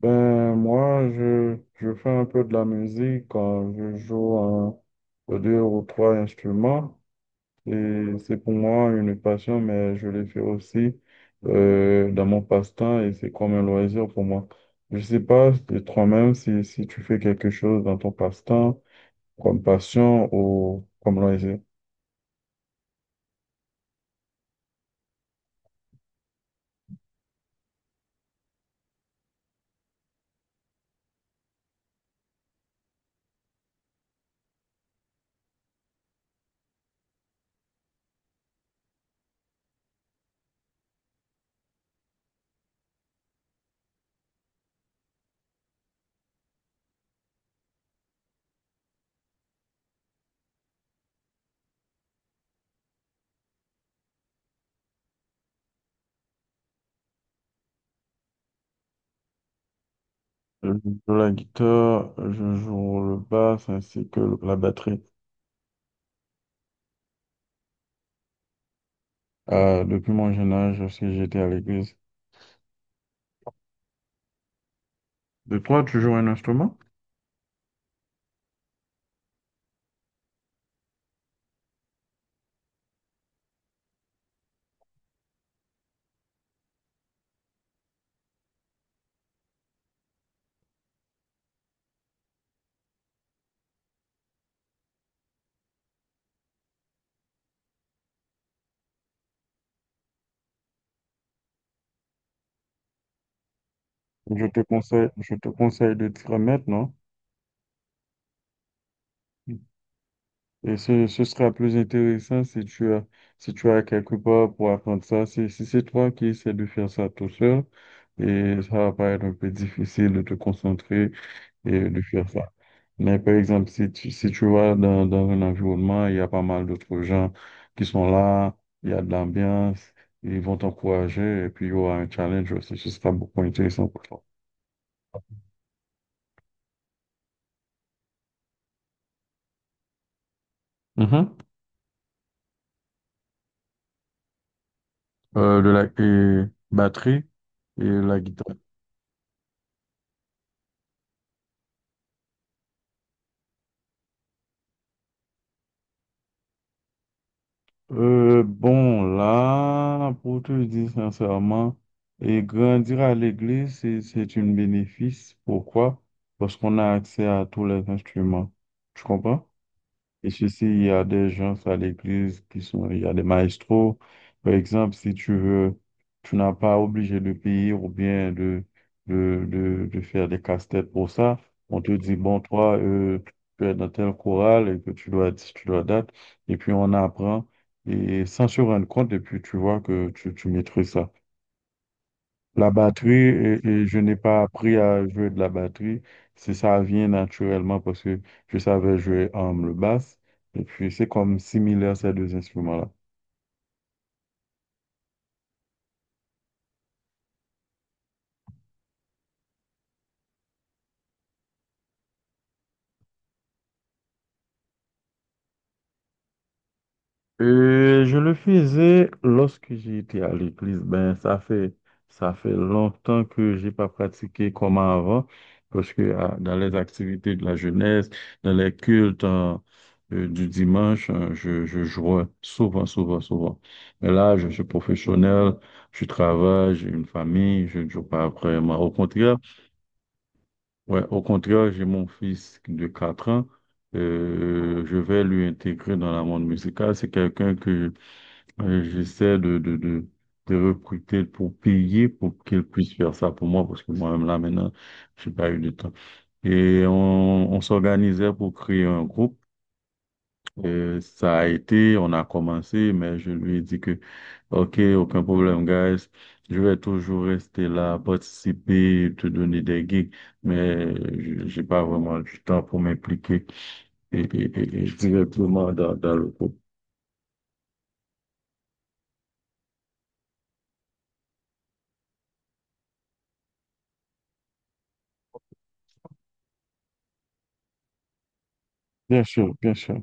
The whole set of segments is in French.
Ben, moi, je fais un peu de la musique quand je joue un, deux ou trois instruments. Et c'est pour moi une passion, mais je le fais aussi dans mon passe-temps et c'est comme un loisir pour moi. Je sais pas de toi-même si tu fais quelque chose dans ton passe-temps, comme passion ou comme loisir. Je joue la guitare, je joue le basse ainsi que la batterie. Depuis mon jeune âge, lorsque j'étais à l'église. De toi, tu joues un instrument? Je te conseille de t'y remettre, non? Et ce sera plus intéressant si tu as, quelque part pour apprendre ça. Si c'est toi qui essaies de faire ça tout seul, et ça va paraître un peu difficile de te concentrer et de faire ça. Mais par exemple, si tu, vas dans un environnement, il y a pas mal d'autres gens qui sont là, il y a de l'ambiance, ils vont t'encourager et puis il y aura un challenge aussi. Ce sera beaucoup intéressant pour toi. Mhm. Le lac et batterie et la guitare. Bon, là, pour te dire sincèrement, et grandir à l'église, c'est un bénéfice. Pourquoi? Parce qu'on a accès à tous les instruments. Tu comprends? Et ceci il y a des gens à l'église qui sont, il y a des maestros. Par exemple, si tu veux, tu n'as pas obligé de payer ou bien de faire des casse-têtes pour ça. On te dit, bon, toi, tu es dans tel chorale et que tu dois date. Et puis, on apprend et sans se rendre compte. Et puis, tu vois que tu maîtrises ça. La batterie, et je n'ai pas appris à jouer de la batterie. C'est ça vient naturellement parce que je savais jouer le basse. Et puis, c'est comme similaire ces deux instruments-là. Je le faisais lorsque j'étais à l'église. Ben, ça fait longtemps que j'ai pas pratiqué comme avant, parce que ah, dans les activités de la jeunesse, dans les cultes hein, du dimanche, hein, je jouais souvent, souvent, souvent. Mais là, je suis professionnel, je travaille, j'ai une famille, je ne joue pas vraiment. Au contraire, ouais, au contraire, j'ai mon fils de 4 ans. Je vais lui intégrer dans la monde musicale. C'est quelqu'un que j'essaie de recruter pour payer pour qu'ils puissent faire ça pour moi parce que moi-même là maintenant, j'ai pas eu de temps. Et on s'organisait pour créer un groupe. Ça a été, on a commencé, mais je lui ai dit que, OK, aucun problème, guys. Je vais toujours rester là, participer, te donner des gigs, mais j'ai pas vraiment du temps pour m'impliquer et directement dans, le groupe. Bien sûr, bien sûr.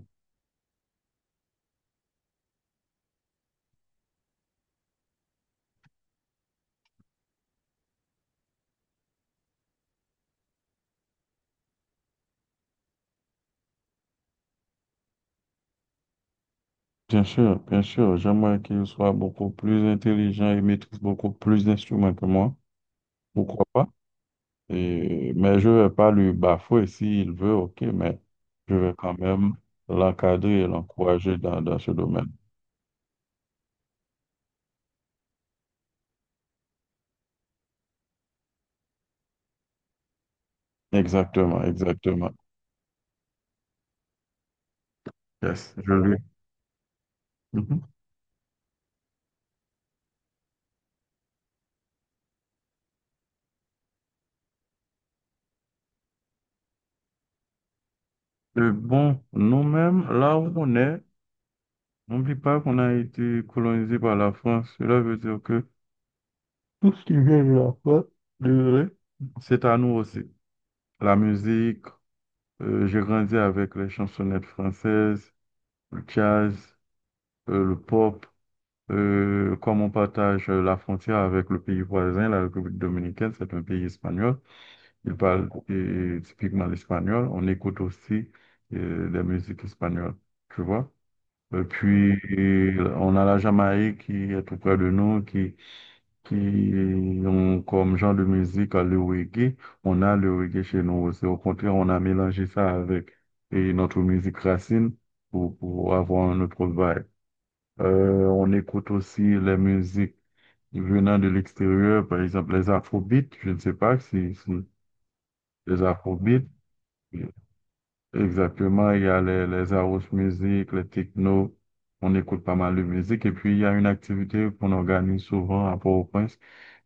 Bien sûr, bien sûr, j'aimerais qu'il soit beaucoup plus intelligent et maîtrise beaucoup plus d'instruments que moi. Pourquoi pas? Mais je vais pas lui bafouer s'il veut, ok, mais je vais quand même l'encadrer et l'encourager dans ce domaine. Exactement, exactement. Yes, je lui. Mhm. Bon, nous-mêmes, là où on est, n'oublie pas qu'on a été colonisé par la France. Cela veut dire que tout ce qui vient de la France, désolé, c'est à nous aussi. La musique. J'ai grandi avec les chansonnettes françaises, le jazz, le pop. Comme on partage la frontière avec le pays voisin, la République dominicaine, c'est un pays espagnol. Il parle typiquement l'espagnol. On écoute aussi des musiques espagnoles, tu vois. Et puis, on a la Jamaïque qui est tout près de nous, qui ont comme genre de musique le reggae. On a le reggae chez nous aussi. Au contraire, on a mélangé ça avec et notre musique racine pour avoir un autre vibe. On écoute aussi les musiques venant de l'extérieur, par exemple les afrobeats. Je ne sais pas si les afrobeats. Exactement, il y a les house music, les techno. On écoute pas mal de musique. Et puis, il y a une activité qu'on organise souvent à Port-au-Prince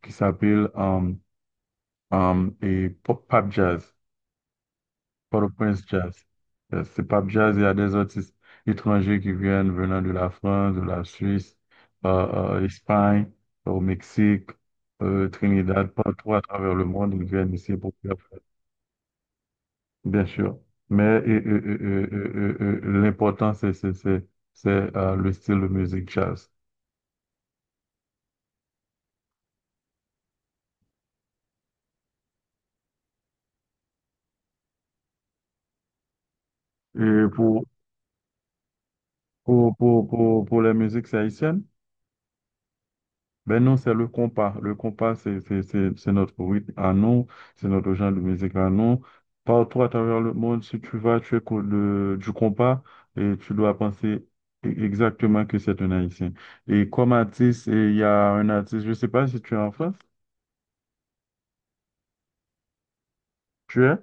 qui s'appelle et pop, pop jazz, Port-au-Prince jazz. C'est pop jazz, il y a des artistes étrangers qui viennent venant de la France, de la Suisse, Espagne, au Mexique, Trinidad, partout à travers le monde, ils viennent ici pour faire, bien sûr. Mais l'important, c'est le style de musique jazz. Et pour les musiques haïtiennes, ben non, c'est le compas. Le compas, c'est notre rythme à nous, c'est notre genre de musique à nous. Partout à travers le monde, si tu vas, tu écoutes du compas et tu dois penser exactement que c'est un Haïtien. Et comme artiste, et il y a un artiste, je ne sais pas si tu es en France, tu es?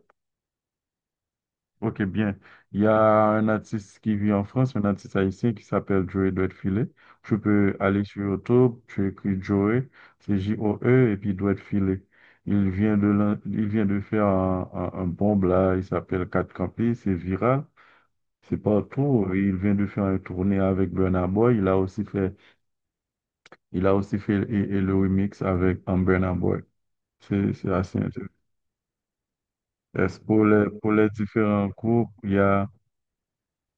Ok, bien. Il y a un artiste qui vit en France, un artiste haïtien qui s'appelle Joey Doit Filé. Tu peux aller sur YouTube, tu écris Joey, c'est Joe, et puis Doit Filé. Il vient de faire un bombe là, il s'appelle Cat Campi, c'est viral, c'est partout. Et il vient de faire une tournée avec Burna Boy, il a aussi fait et le remix avec un Burna Boy. C'est assez intéressant. Est-ce Pour les différents groupes, il y a.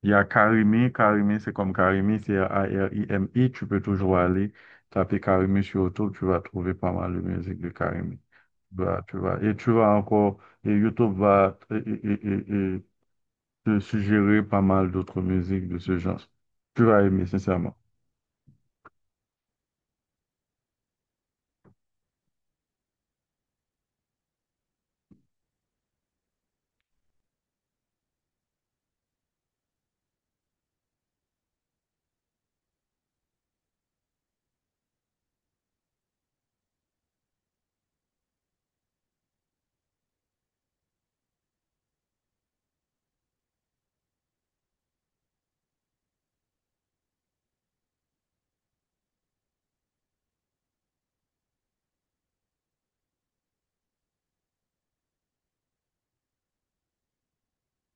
Il y a Karimi, c'est comme Karimi, c'est A-R-I-M-I. Tu peux toujours aller taper Karimi sur YouTube, tu vas trouver pas mal de musique de Karimi. Bah, tu vas, et tu vas encore, et YouTube va et te suggérer pas mal d'autres musiques de ce genre. Tu vas aimer, sincèrement.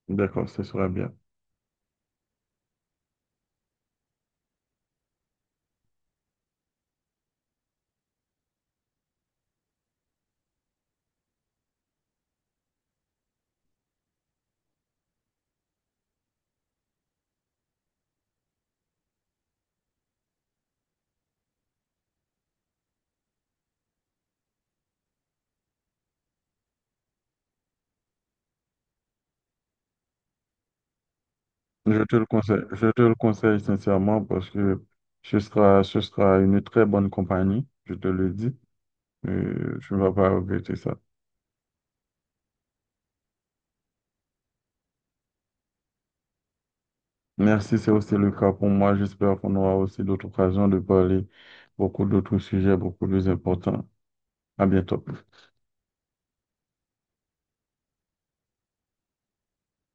D'accord, ce sera bien. Je te le conseille sincèrement parce que ce sera une très bonne compagnie, je te le dis. Tu ne vas pas regretter ça. Merci, c'est aussi le cas pour moi. J'espère qu'on aura aussi d'autres occasions de parler beaucoup d'autres sujets beaucoup plus importants. À bientôt.